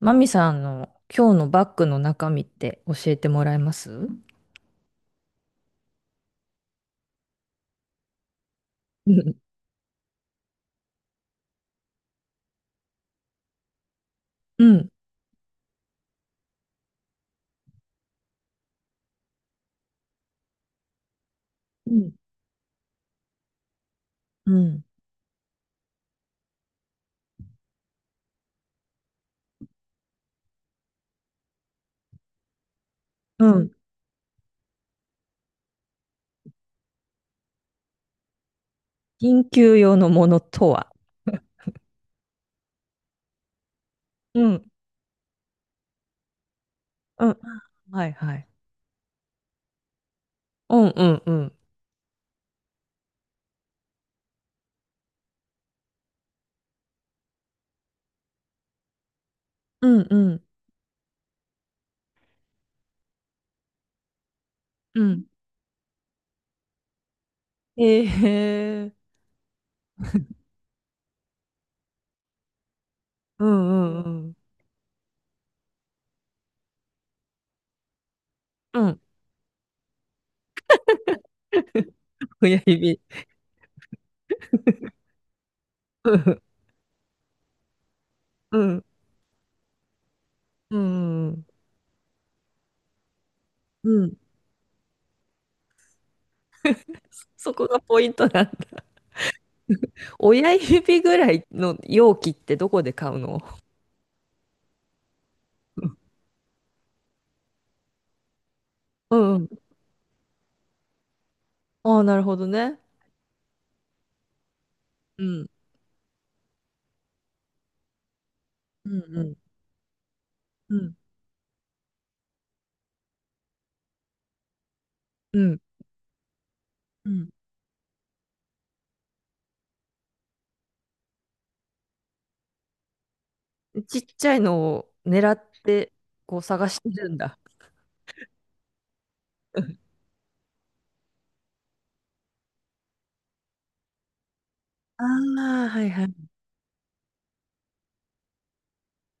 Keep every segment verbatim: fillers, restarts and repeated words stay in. マミさんの今日のバッグの中身って教えてもらえます？うん。うん、うん。うん。うん。緊急用のものとは？うん。うんはいはい。うんうんうん。うんうん。うん。ええうんうんうん。うん。親指。うんうんうんうん。うん。そこがポイントなんだ。親指ぐらいの容器ってどこで買うの？うんうん。ああ、なるほどね。うん。うん。うん。うん。うんうん。ちっちゃいのを狙って、こう探してるんだ。ああ、はいはい。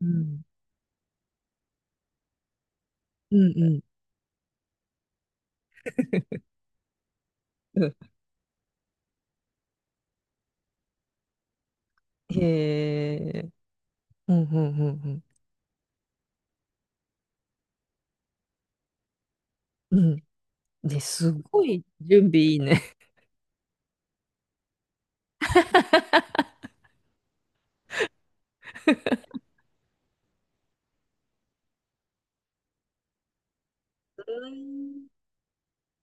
うん。うんうん。うんへえ。うんうんうんうん。うん。で、すごい準備いいね。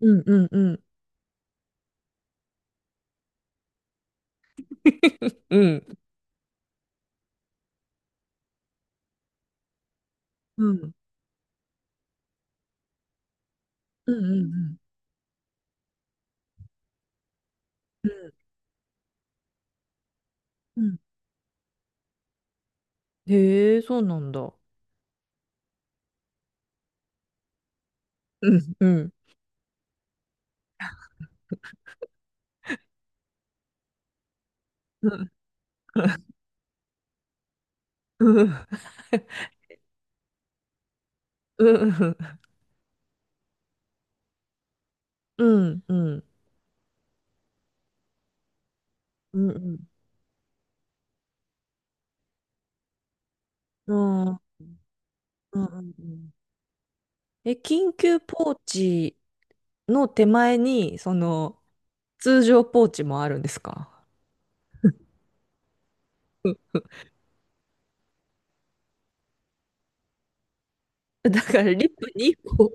うんうんうん。うん。うん。うんうんうんうん。うん。へえ、そうなんだ。うん。うん。うん。うん。うん。うん。うん。うん。うん。うん。うんうんうんうん、え、緊急ポーチの手前に、その、通常ポーチもあるんですか？ だからリップにこ、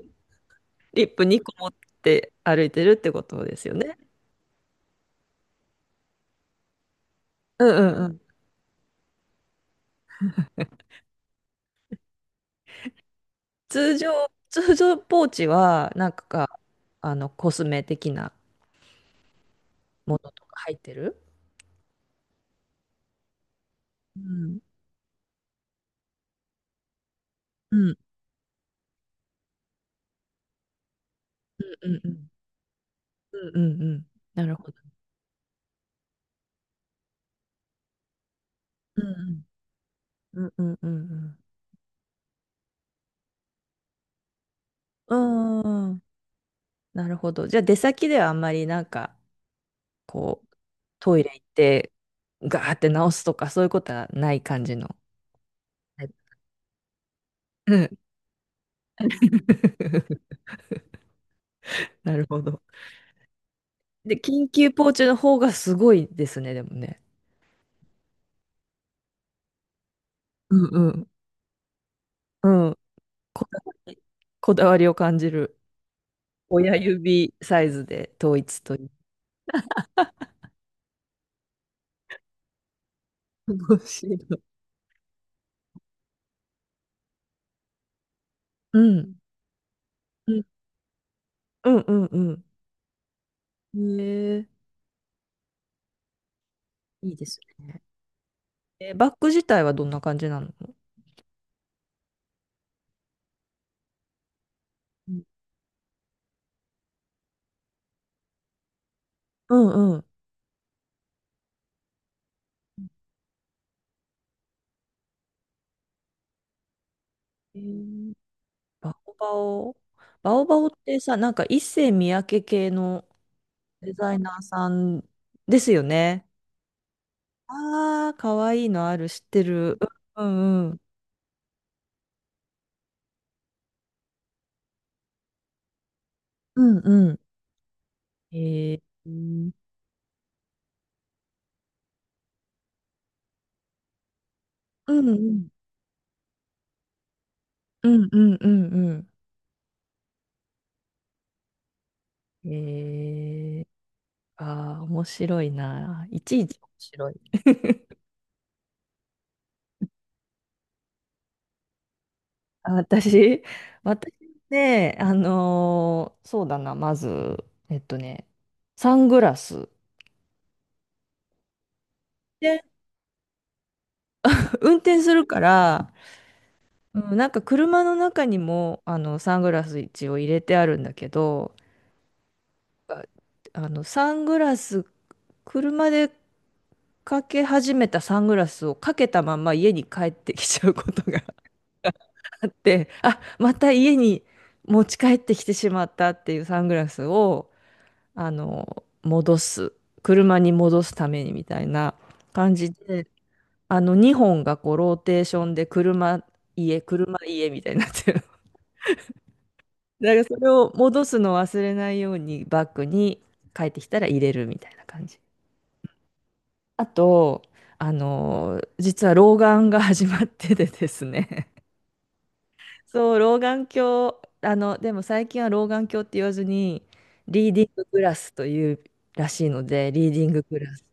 リップにこ持って歩いてるってことですよね。うんうんうん。通常、通常ポーチは、なんか、あの、コスメ的なものとか入ってる？うん。うんうんうんうんうんうん。なるほど。うんうんうんうんうんうん。うんん、なるほど。じゃあ出先ではあんまりなんかこう、トイレ行って、ガーって直すとか、そういうことはない感じの。はい、うん。 なるほど。で、緊急ポーチの方がすごいですね、でもね。うんうん。うん。こだわり、こだわりを感じる。親指サイズで統一という。面白い。うん。うん。うんうんうん。へえ、いいですね。え、バッグ自体はどんな感じなの？うんうんうん。へえ、バオバオ。バオバオってさ、なんか一世三宅系のデザイナーさんですよね。ああ、かわいいのある、知ってる。うんうんうん。うんうん。えー、うんうんうんうんうんうん。えー、ああ、面白いな。いちいち面白い。あ、私、私ね、あのーそうだな、まず、えっとね、サングラス。で、運転するから、うん、なんか車の中にもあのサングラス一応入れてあるんだけど、ああのサングラス、車でかけ始めたサングラスをかけたまま家に帰ってきちゃうことが あって、あ、また家に持ち帰ってきてしまったっていうサングラスを、あの、戻す、車に戻すためにみたいな感じで、あのにほんがこうローテーションで車、家、車、家みたいになってる。だからそれを戻すのを忘れないようにバッグに帰ってきたら入れるみたいな感じ。あと、あの、実は老眼が始まっててですね。そう、老眼鏡、あの、でも最近は老眼鏡って言わずに、リーディンググラスというらしいので、リーディンググラス。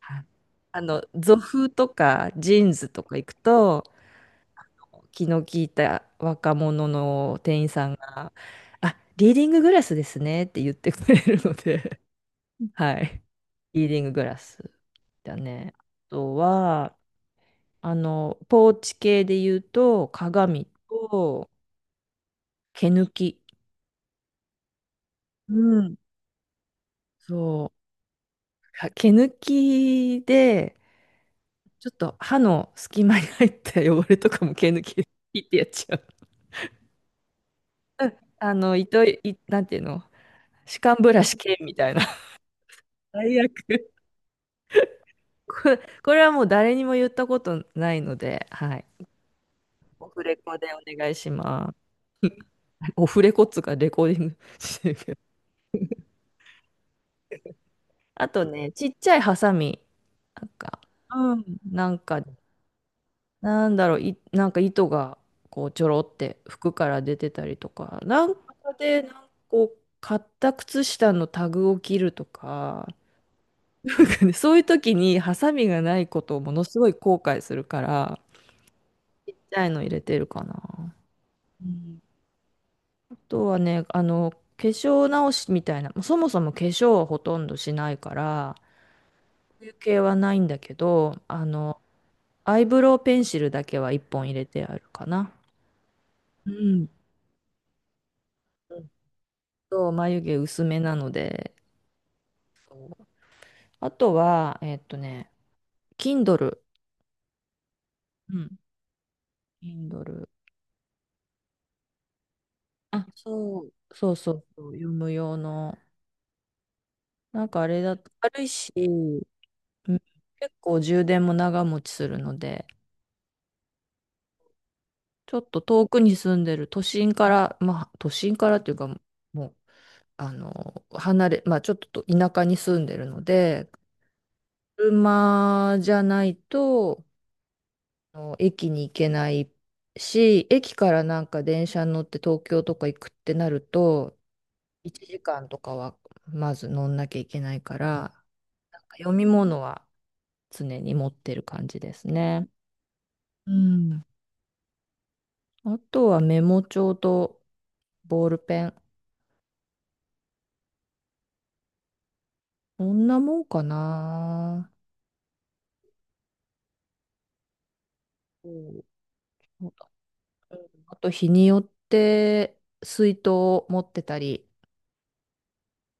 はい、あの、ゾフとかジーンズとか行くと、気の利いた若者の店員さんが、あ、リーディンググラスですねって言ってくれるので、はい。リーディンググラスだね。あとは、あの、ポーチ系で言うと、鏡と毛抜き。うん。そう。か毛抜きで、ちょっと歯の隙間に入った汚れとかも毛抜きでピッてやっちゃう。あの、糸い、なんていうの、歯間ブラシ系みたいな。最悪。これ、これはもう誰にも言ったことないので、はい。オフレコでお願いします。オフレコっつうか、レコーディングしてるけど。あとね、ちっちゃいハサミ、なんか、うん、なんか、なんだろう、い、なんか糸が、こう、ちょろって服から出てたりとか、なんかで、なんかこう、買った靴下のタグを切るとか、なんかね、そういう時にハサミがないことをものすごい後悔するから、ちっちゃいの入れてるかな。うん、とはね、あの、化粧直しみたいな、まあそもそも化粧はほとんどしないから、休憩はないんだけど、あの、アイブロウペンシルだけは一本入れてあるかな。うん。うんと、眉毛薄めなので、あとは、えっとね、Kindle。うん。Kindle。あ、そう。そうそうそう、読む用の。なんかあれだと軽いし、うん、結構充電も長持ちするので、ちょっと遠くに住んでる都心から、まあ都心からっていうかもう、あの、離れ、まあちょっと田舎に住んでるので、車じゃないと、あの駅に行けないし、駅からなんか電車に乗って東京とか行くってなると、いちじかんとかはまず乗んなきゃいけないから、なんか読み物は常に持ってる感じですね。うん。あとはメモ帳とボールペン。そんなもんかな。うん、そうだ。うん、あと日によって水筒を持ってたり、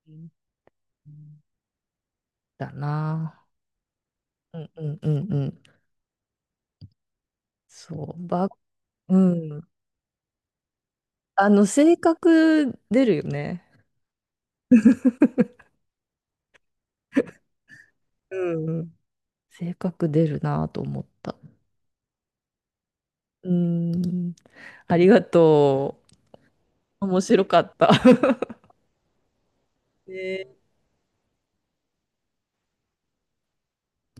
うんだな。うんうんうんうん。そう、ば、うん。あの、性格出るよね。うん、性格出るなと思った。うん。ありがとう。面白かった。ね